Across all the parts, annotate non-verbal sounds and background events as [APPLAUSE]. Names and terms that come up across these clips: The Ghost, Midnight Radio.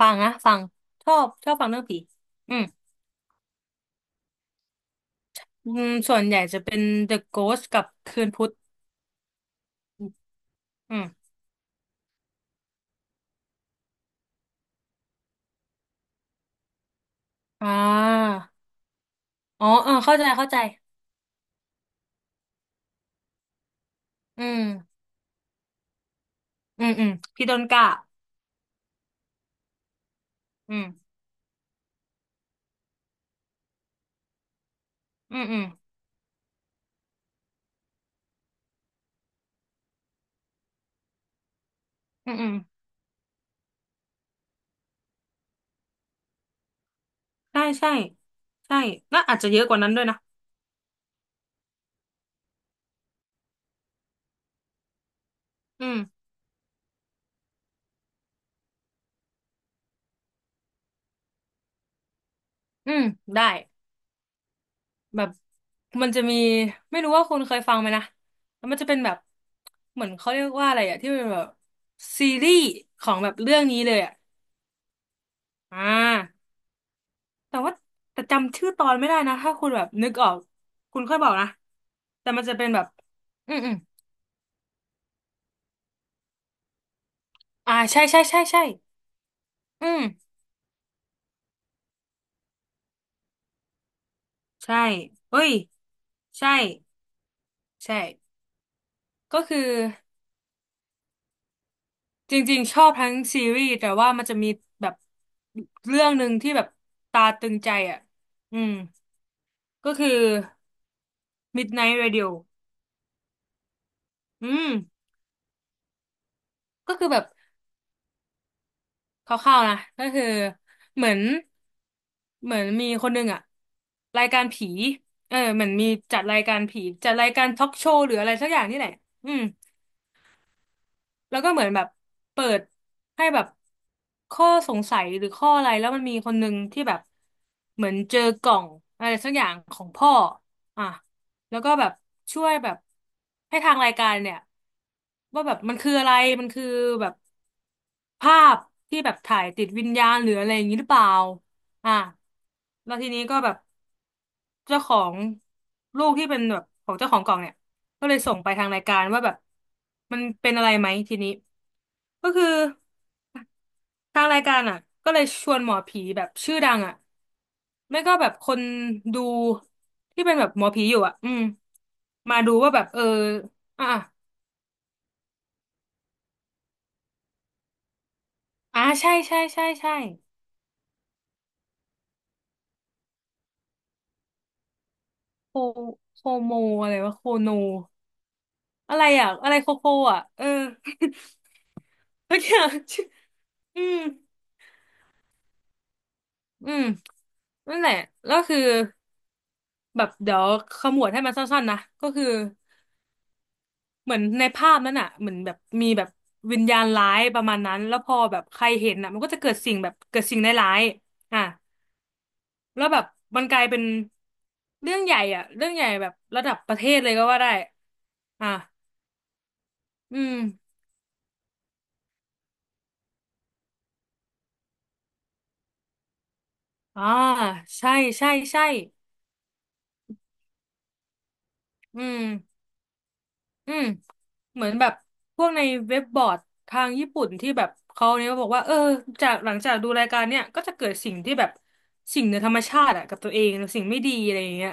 ฟังนะฟังชอบชอบฟังเรื่องผีอืมอืมส่วนใหญ่จะเป็น The Ghost กับคืนพุธอืมอ่าอ๋อเออเข้าใจเข้าใจอืมอืมอืมพี่โดนกะอืมอืมอืมอืมอืมใช่ใช่ใช่น่าอาจจะเยอะกว่านั้นด้วยนะอืมอืมได้แบบมันจะมีไม่รู้ว่าคุณเคยฟังไหมนะแล้วมันจะเป็นแบบเหมือนเขาเรียกว่าอะไรอะที่เป็นแบบซีรีส์ของแบบเรื่องนี้เลยอะอ่า แต่ว่าแต่จำชื่อตอนไม่ได้นะถ้าคุณแบบนึกออกคุณค่อยบอกนะแต่มันจะเป็นแบบอืมอืมอ่าใช่ใช่ใช่ใช่อืมใช่เอ้ยใช่ใช่ก็คือจริงๆชอบทั้งซีรีส์แต่ว่ามันจะมีแบบเรื่องหนึ่งที่แบบตาตึงใจอ่ะอืมก็คือ Midnight Radio อืมก็คือแบบ คร่าวๆนะก็คือเหมือนเหมือนมีคนหนึ่งอะรายการผีเออเหมือนมีจัดรายการผีจัดรายการทอล์กโชว์หรืออะไรสักอย่างนี่แหละอืมแล้วก็เหมือนแบบเปิดให้แบบข้อสงสัยหรือข้ออะไรแล้วมันมีคนหนึ่งที่แบบเหมือนเจอกล่องอะไรสักอย่างของพ่ออ่ะแล้วก็แบบช่วยแบบให้ทางรายการเนี่ยว่าแบบมันคืออะไรมันคือแบบ ภาพที่แบบถ่ายติดวิญญาณหรืออะไรอย่างนี้หรือเปล่าอ่าแล้วทีนี้ก็แบบเจ้าของลูกที่เป็นแบบของเจ้าของกล่องเนี่ยก็เลยส่งไปทางรายการว่าแบบมันเป็นอะไรไหมทีนี้ ก็คือทางรายการอ่ะก็เลยชวนหมอผีแบบชื่อดังอ่ะไม่ก็แบบคนดูที่เป็นแบบหมอผีอยู่อ่ะอืมมาดูว่าแบบเอออ่ะอ่ะอ่าใช่ใช่ใช่ใช่โคโคโมอะไรวะโคโน อะไรอ่ะอะไรโคโค่อ่ะเออ [LAUGHS] โอเคอ่ะชื่ออืม [LAUGHS] อืมนั่นแหละแล้วคือแบบเดี๋ยวขมวดให้มันสั้นๆนะก็คือเหมือนในภาพนั้นอ่ะเหมือนแบบมีแบบวิญญาณร้ายประมาณนั้นแล้วพอแบบใครเห็นอ่ะมันก็จะเกิดสิ่งแบบเกิดสิ่งร้ายๆอ่ะแล้วแบบมันกลายเป็นเรื่องใหญ่อ่ะเรื่องใหญ่แบบระดับประเทศเลยก็ว่าได้อ่ะอืมอ่าใช่ใช่ใช่อืม อืมเหมือนแบบพวกในเว็บบอร์ดทางญี่ปุ่นที่แบบเขาเนี่ยบอกว่าเออจากหลังจากดูรายการเนี่ยก็จะเกิดสิ่งที่แบบสิ่งเหนือธรรมชาติอะกับตัวเองสิ่งไม่ดีอะไรอย่างเงี้ย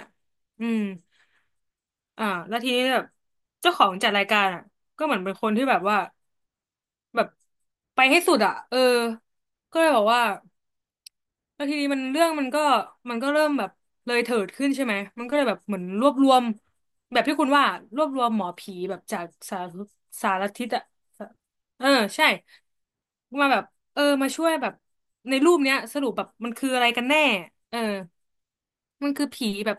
อืมอ่าแล้วทีนี้แบบเจ้าของจัดรายการอ่ะก็เหมือนเป็นคนที่แบบว่าแบบไปให้สุดอ่ะเออก็เลยบอกว่า แล้วทีนี้มันเรื่องมันก็มันก็เริ่มแบบเลยเถิดขึ้นใช่ไหม มันก็เลยแบบเหมือนรวบรวมแบบที่คุณว่ารวบรวมหมอผีแบบจากสารสารทิศอะเออใช่มาแบบเออมาช่วยแบบในรูปเนี้ยสรุปแบบมันคืออะไรกันแน่เออมันคือผีแบบ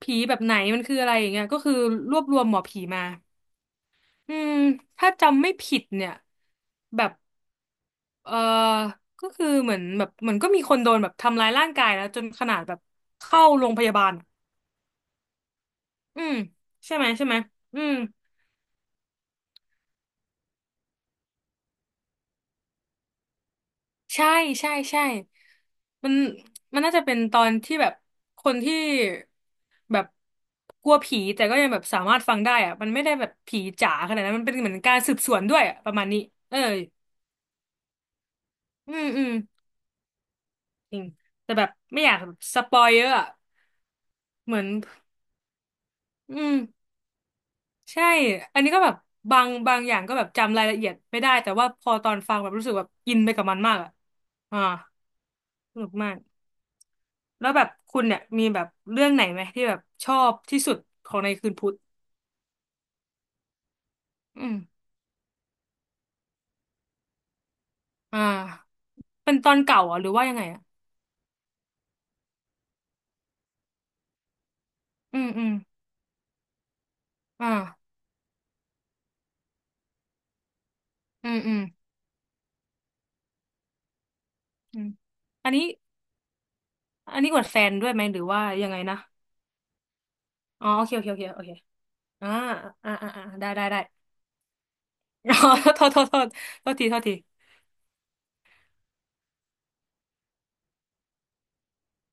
ผีแบบไหนมันคืออะไรอย่างเงี้ยก็คือรวบรวมหมอผีมาอืมถ้าจำไม่ผิดเนี่ยแบบ เออก็คือเหมือนแบบเหมือนก็มีคนโดนแบบทำร้ายร่างกายแล้วจนขนาดแบบเข้าโรงพยาบาลอะอืมใช่ไหมใช่ไหมอืมใช่ใช่ใช่มันมันน่าจะเป็นตอนที่แบบคนที่แบบกลัวผีแต่ก็ยังแบบสามารถฟังได้อะมันไม่ได้แบบผีจ๋าขนาดนั้นมันเป็นเหมือนการสืบสวนด้วยอะประมาณนี้เอออืมอืมจริงแต่แบบไม่อยากแบบสปอยเยอะอะเหมือนอืม ใช่อันนี้ก็แบบบางอย่างก็แบบจำรายละเอียดไม่ได้แต่ว่าพอตอนฟังแบบรู้สึกแบบอินไปกับมันมากอ่ะอ่าสนุกมากแล้วแบบคุณเนี่ยมีแบบเรื่องไหนไหมที่แบบชอบที่สุดของในคืนพุธอืมอ่าเป็นตอนเก่าเหรอหรือว่ายังไงอ่ะอืมอืมอ่าอืมอืมอืมอันนี้อันนี้อวดแฟนด้วยไหมหรือว่ายังไงนะอ๋อโอเคโอเคโอเคโอเคอ่าอ่าอ่าอ่าได้ได้ได้ [LAUGHS] อ๋อโทษโทษโทษโทษทีโทษที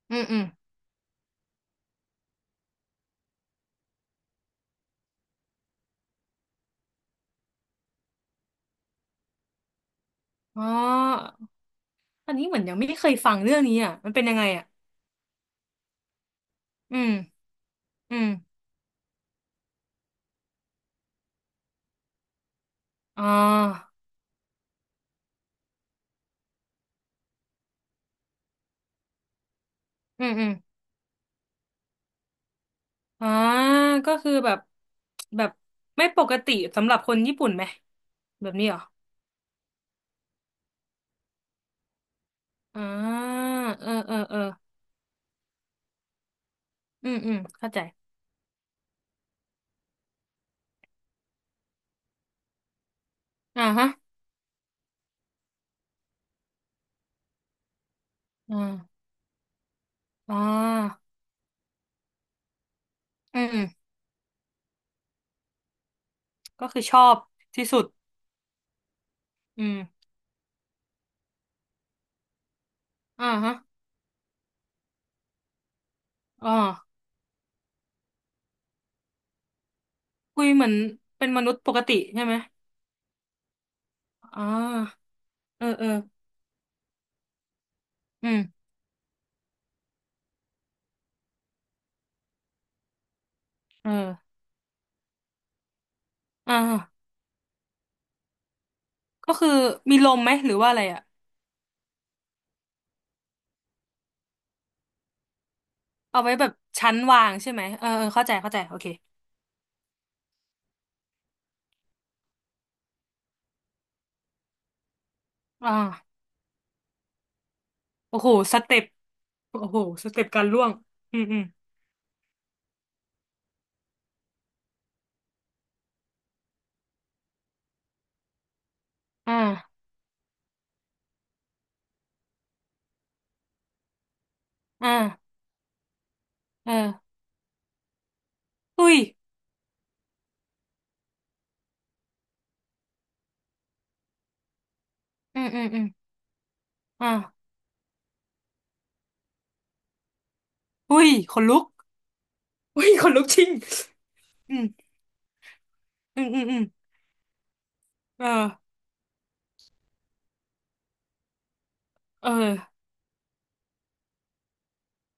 อืมอืมอ๋อ อันนี้เหมือนยังไม่เคยฟังเรื่องนี้อ่ะมันเป็นยังไงอ่ะอืมอืมอ๋ออืมอืมอ่าก็คือแบบแบบไม่ปกติสำหรับคนญี่ปุ่นไหมแบบนี้เหรออ่าเออเออเอออืมอืมเข้าใจอ่าฮะอ่าอ่าอืมอืมก็คือชอบที่สุดอืมอ่าฮะอ๋อคุยเหมือนเป็นมนุษย์ปกติใช่ไหมอ่าเออเอออืมเอออ่าก็คือมีลมไหมหรือว่าอะไรอ่ะ เอาไว้แบบชั้นวางใช่ไหมเออเออเข้าใจเข้าใจโอเคอ่าโอ้โหสเต็ปโอ้โหสเต็ปการล่วงอืมอืมอ่าอ่าเอออุ้ยอืมอืมอืมอ่าอุ้ยขนลุกอุ้ยขนลุกจริงอืมอืมอืมอืมเออเออ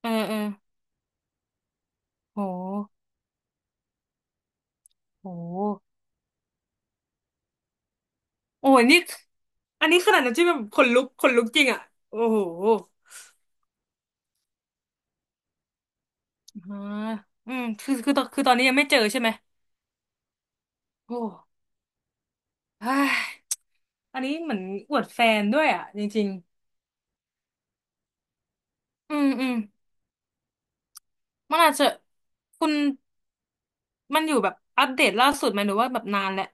เออเออโหโหโอ้ยนี่อันนี้ขนาดน้ำจิ้มแบบขนลุกขนลุกจริงอ่ะโอ้โหอ่าอืมคือตอนคือตอนนี้ยังไม่เจอใช่ไหมโอ้เฮ้ย อันนี้เหมือนอวดแฟนด้วยอ่ะจริงๆอืมอืมมันอาจจะคุณมันอยู่แบบอัปเดตล่าสุดไหมหรือว่าแบบนานแล้ว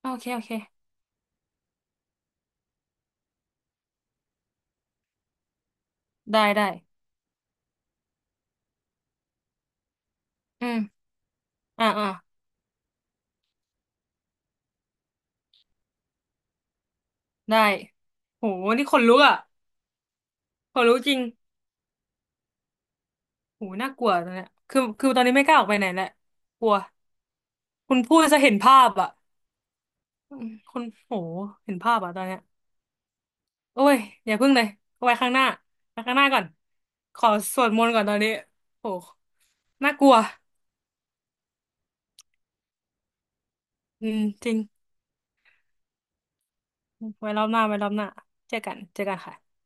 โอเคโอเคได้ได้อืมอ่าอ่าได้โหนี่ขนลุกอ่ะขนลุกจริงโหน่ากลัวตอนเนี้ยคือตอนนี้ไม่กล้าออกไปไหนแหละกลัวคุณพูดจะเห็นภาพอ่ะอืมคุณโหเห็นภาพอ่ะตอนเนี้ยโอ้ยอย่าพึ่งเลยเอาไว้ข้างหน้าไว้ข้างหน้าก่อนขอสวดมนต์ก่อนตอนนี้โหน่ากลัวอืมจริง ไว้รอบหน้าไว้รอบหน้าเจอกันเจอกันค่ะ